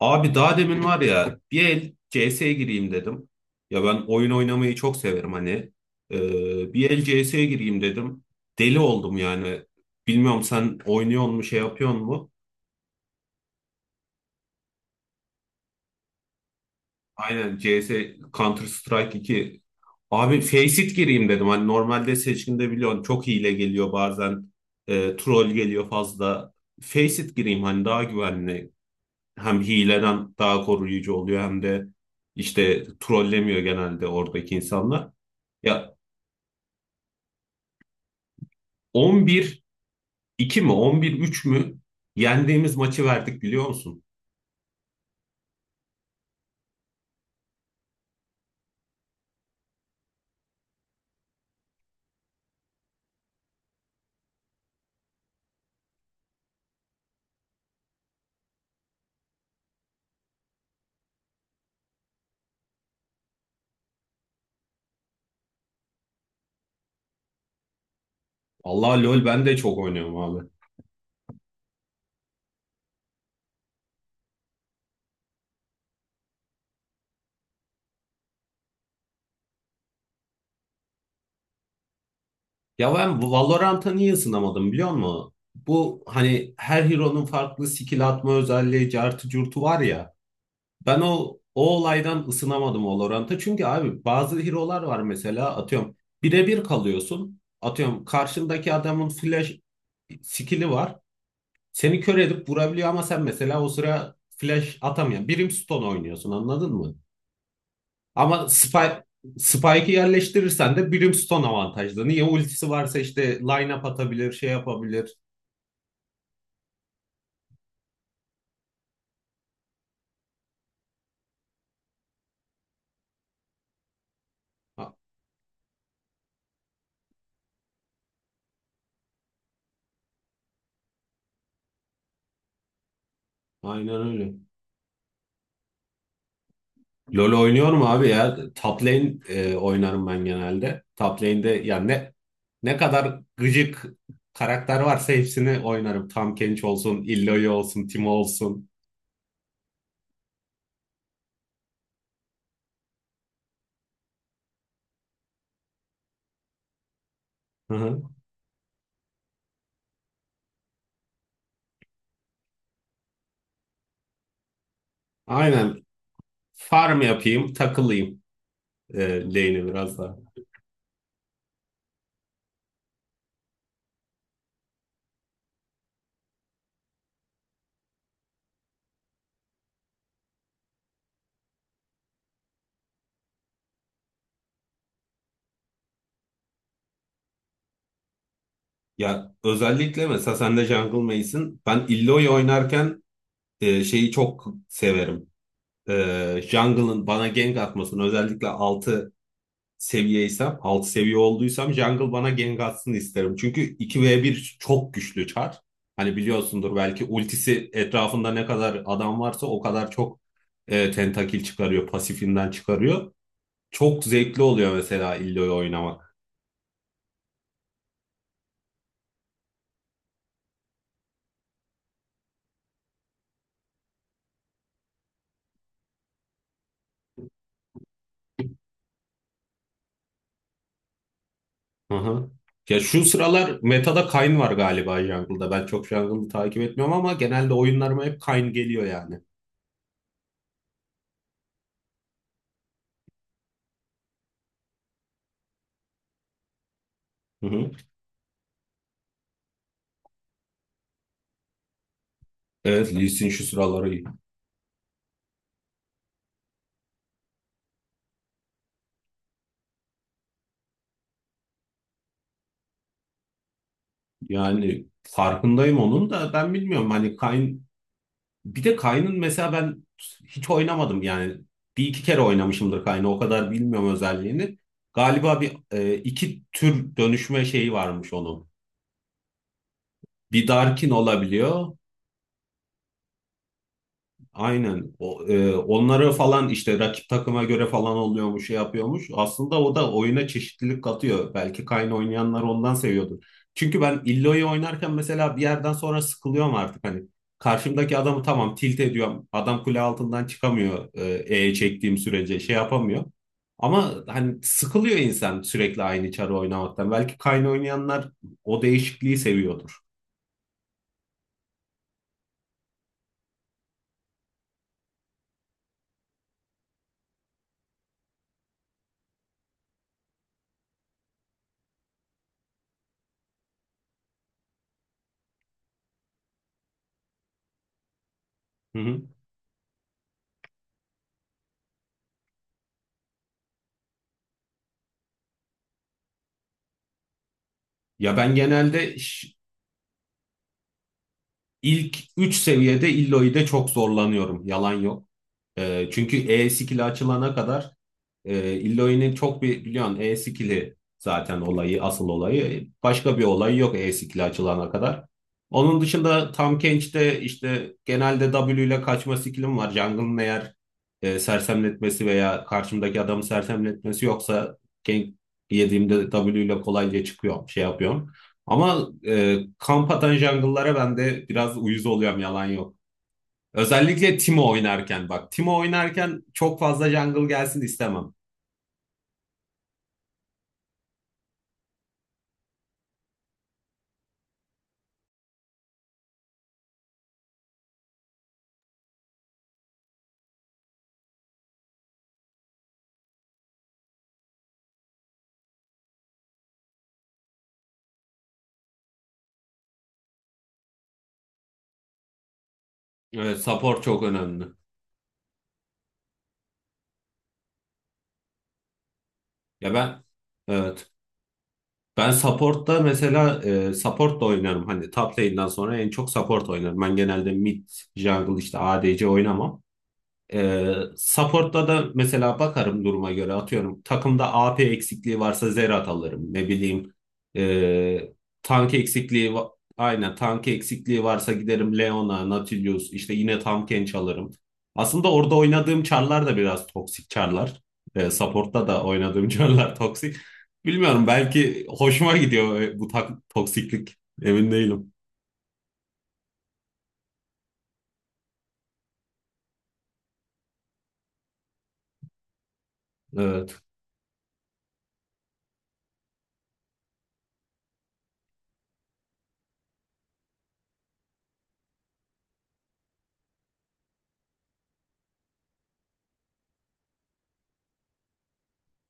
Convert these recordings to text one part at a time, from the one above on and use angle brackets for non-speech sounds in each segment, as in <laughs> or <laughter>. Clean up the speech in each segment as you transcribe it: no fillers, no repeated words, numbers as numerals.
Abi daha demin var ya bir el CS'ye gireyim dedim. Ya ben oyun oynamayı çok severim hani. Bir el CS'ye gireyim dedim. Deli oldum yani. Bilmiyorum, sen oynuyor mu şey yapıyor mu? Aynen, CS, Counter Strike 2. Abi Faceit gireyim dedim. Hani normalde seçkinde biliyorsun çok hile geliyor bazen. Troll geliyor fazla. Faceit gireyim hani daha güvenli. Hem hileden daha koruyucu oluyor hem de işte trollemiyor genelde oradaki insanlar. Ya, 11-2 mi 11-3 mü yendiğimiz maçı verdik biliyor musun? Allah, LoL ben de çok oynuyorum abi. Ya ben Valorant'a niye ısınamadım biliyor musun? Bu hani her hero'nun farklı skill atma özelliği, cartı curtu var ya. Ben o olaydan ısınamadım o Valorant'a. Çünkü abi bazı hero'lar var, mesela atıyorum birebir kalıyorsun. Atıyorum, karşındaki adamın flash skill'i var. Seni kör edip vurabiliyor ama sen mesela o sıra flash atamayan birim stun oynuyorsun, anladın mı? Ama Spike'ı yerleştirirsen de Brimstone avantajlı. Niye? Ultisi varsa işte line-up atabilir, şey yapabilir. Ha, aynen öyle. LoL oynuyorum abi ya. Top lane oynarım ben genelde. Top lane'de yani ne kadar gıcık karakter varsa hepsini oynarım. Tahm olsun, Illaoi olsun, Timo olsun. Hı hı. Aynen. Farm yapayım, takılayım lane'e biraz daha. Ya özellikle mesela sen de Jungle Mage'sin. Ben Illaoi oynarken şeyi çok severim. E, Jungle'ın bana gank atmasını özellikle 6 seviyeysem, 6 seviye olduysam Jungle bana gank atsın isterim. Çünkü iki v bir çok güçlü çar. Hani biliyorsundur belki ultisi etrafında ne kadar adam varsa o kadar çok tentakil çıkarıyor, pasifinden çıkarıyor. Çok zevkli oluyor mesela Illio'yu oynamak. Hı hı. Ya şu sıralar metada Kayn var galiba jungle'da. Ben çok jungle'ı takip etmiyorum ama genelde oyunlarıma hep Kayn geliyor yani. Hı hı. Evet, Lee Sin şu sıraları. Yani farkındayım, onun da ben bilmiyorum hani Kayn, bir de Kayn'ın mesela ben hiç oynamadım yani, bir iki kere oynamışımdır, Kayn'ı o kadar bilmiyorum özelliğini. Galiba bir iki tür dönüşme şeyi varmış onun. Bir Darkin olabiliyor. Aynen. O, onları falan işte rakip takıma göre falan oluyormuş, şey yapıyormuş. Aslında o da oyuna çeşitlilik katıyor. Belki Kayn oynayanlar ondan seviyordur. Çünkü ben Illo'yu oynarken mesela bir yerden sonra sıkılıyorum artık hani. Karşımdaki adamı tamam tilt ediyorum. Adam kule altından çıkamıyor, E çektiğim sürece şey yapamıyor. Ama hani sıkılıyor insan sürekli aynı çarı oynamaktan. Belki Kayn oynayanlar o değişikliği seviyordur. Hı hı. Ya ben genelde ilk üç seviyede illoy'de çok zorlanıyorum. Yalan yok. Çünkü E skill'i açılana kadar. Illoy'nin çok bir biliyorsun E-Skill'i zaten olayı, asıl olayı. Başka bir olayı yok E-Skill'i açılana kadar. Onun dışında Tam Kench'te işte genelde W ile kaçma skill'im var. Jungle'ın eğer sersemletmesi veya karşımdaki adamı sersemletmesi yoksa gank yediğimde W ile kolayca çıkıyorum, şey yapıyorum. Ama kamp atan jungle'lara ben de biraz uyuz oluyorum, yalan yok. Özellikle Timo oynarken bak. Timo oynarken çok fazla jungle gelsin istemem. Evet, support çok önemli. Ya ben, evet, ben support'ta mesela support da oynarım. Hani top lane'den sonra en çok support oynarım. Ben genelde mid, jungle işte ADC oynamam. Support'ta da mesela bakarım duruma göre atıyorum. Takımda AP eksikliği varsa Zerat alırım. Ne bileyim ee, tank eksikliği aynen tank eksikliği varsa giderim Leona, Nautilus işte yine Tahm alırım. Aslında orada oynadığım çarlar da biraz toksik çarlar. Support'ta da oynadığım <laughs> çarlar toksik. Bilmiyorum, belki hoşuma gidiyor bu tak toksiklik. Emin değilim. Evet.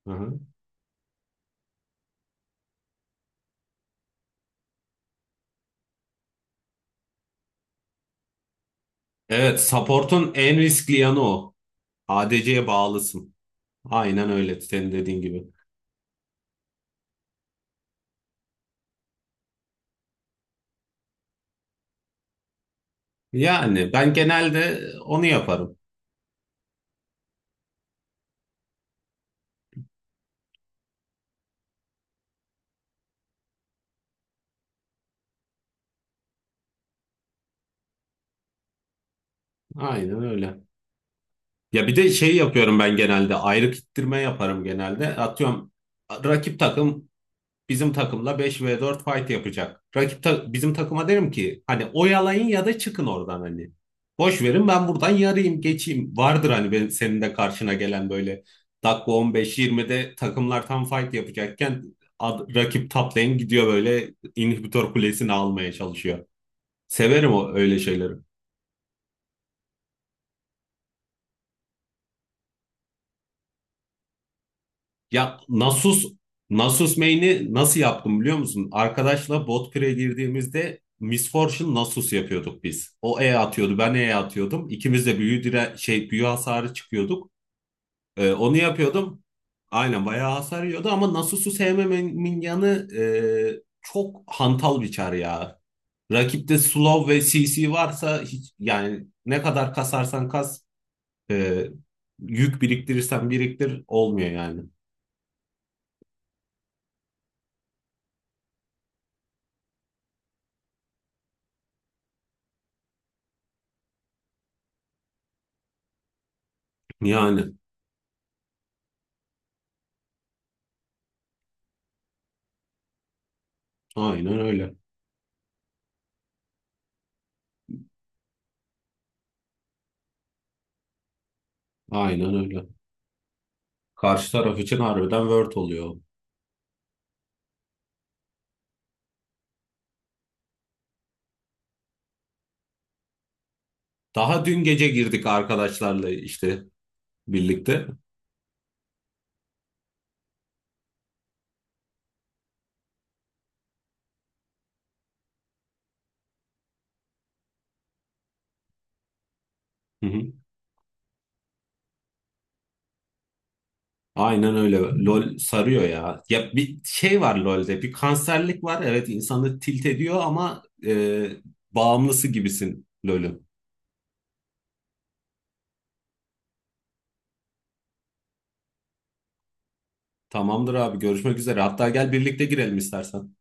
Hı hı. Evet, support'un en riskli yanı o. ADC'ye bağlısın. Aynen öyle senin dediğin gibi. Yani ben genelde onu yaparım. Aynen öyle. Ya bir de şey yapıyorum, ben genelde ayrık ittirme yaparım genelde. Atıyorum, rakip takım bizim takımla beş ve dört fight yapacak. Rakip bizim takıma derim ki hani oyalayın ya da çıkın oradan hani. Boş verin, ben buradan yarayım geçeyim. Vardır hani benim, senin de karşına gelen böyle dakika 15-20'de takımlar tam fight yapacakken rakip top lane gidiyor böyle inhibitor kulesini almaya çalışıyor. Severim o öyle şeyleri. Ya Nasus main'i nasıl yaptım biliyor musun? Arkadaşla bot pire girdiğimizde Miss Fortune Nasus yapıyorduk biz. O E atıyordu, ben E atıyordum. İkimiz de büyü dire şey büyü hasarı çıkıyorduk. Onu yapıyordum. Aynen bayağı hasar yiyordu ama Nasus'u sevmememin yanı, çok hantal bir çar ya. Rakipte slow ve CC varsa hiç yani ne kadar kasarsan kas, e, yük biriktirirsen biriktir olmuyor yani. Yani aynen öyle. Aynen öyle. Karşı taraf için harbiden word oluyor. Daha dün gece girdik arkadaşlarla işte birlikte. Hı hı. Aynen öyle. LOL sarıyor ya. Ya bir şey var LOL'de. Bir kanserlik var. Evet insanı tilt ediyor ama bağımlısı gibisin LOL'ün. Tamamdır abi, görüşmek üzere. Hatta gel birlikte girelim istersen.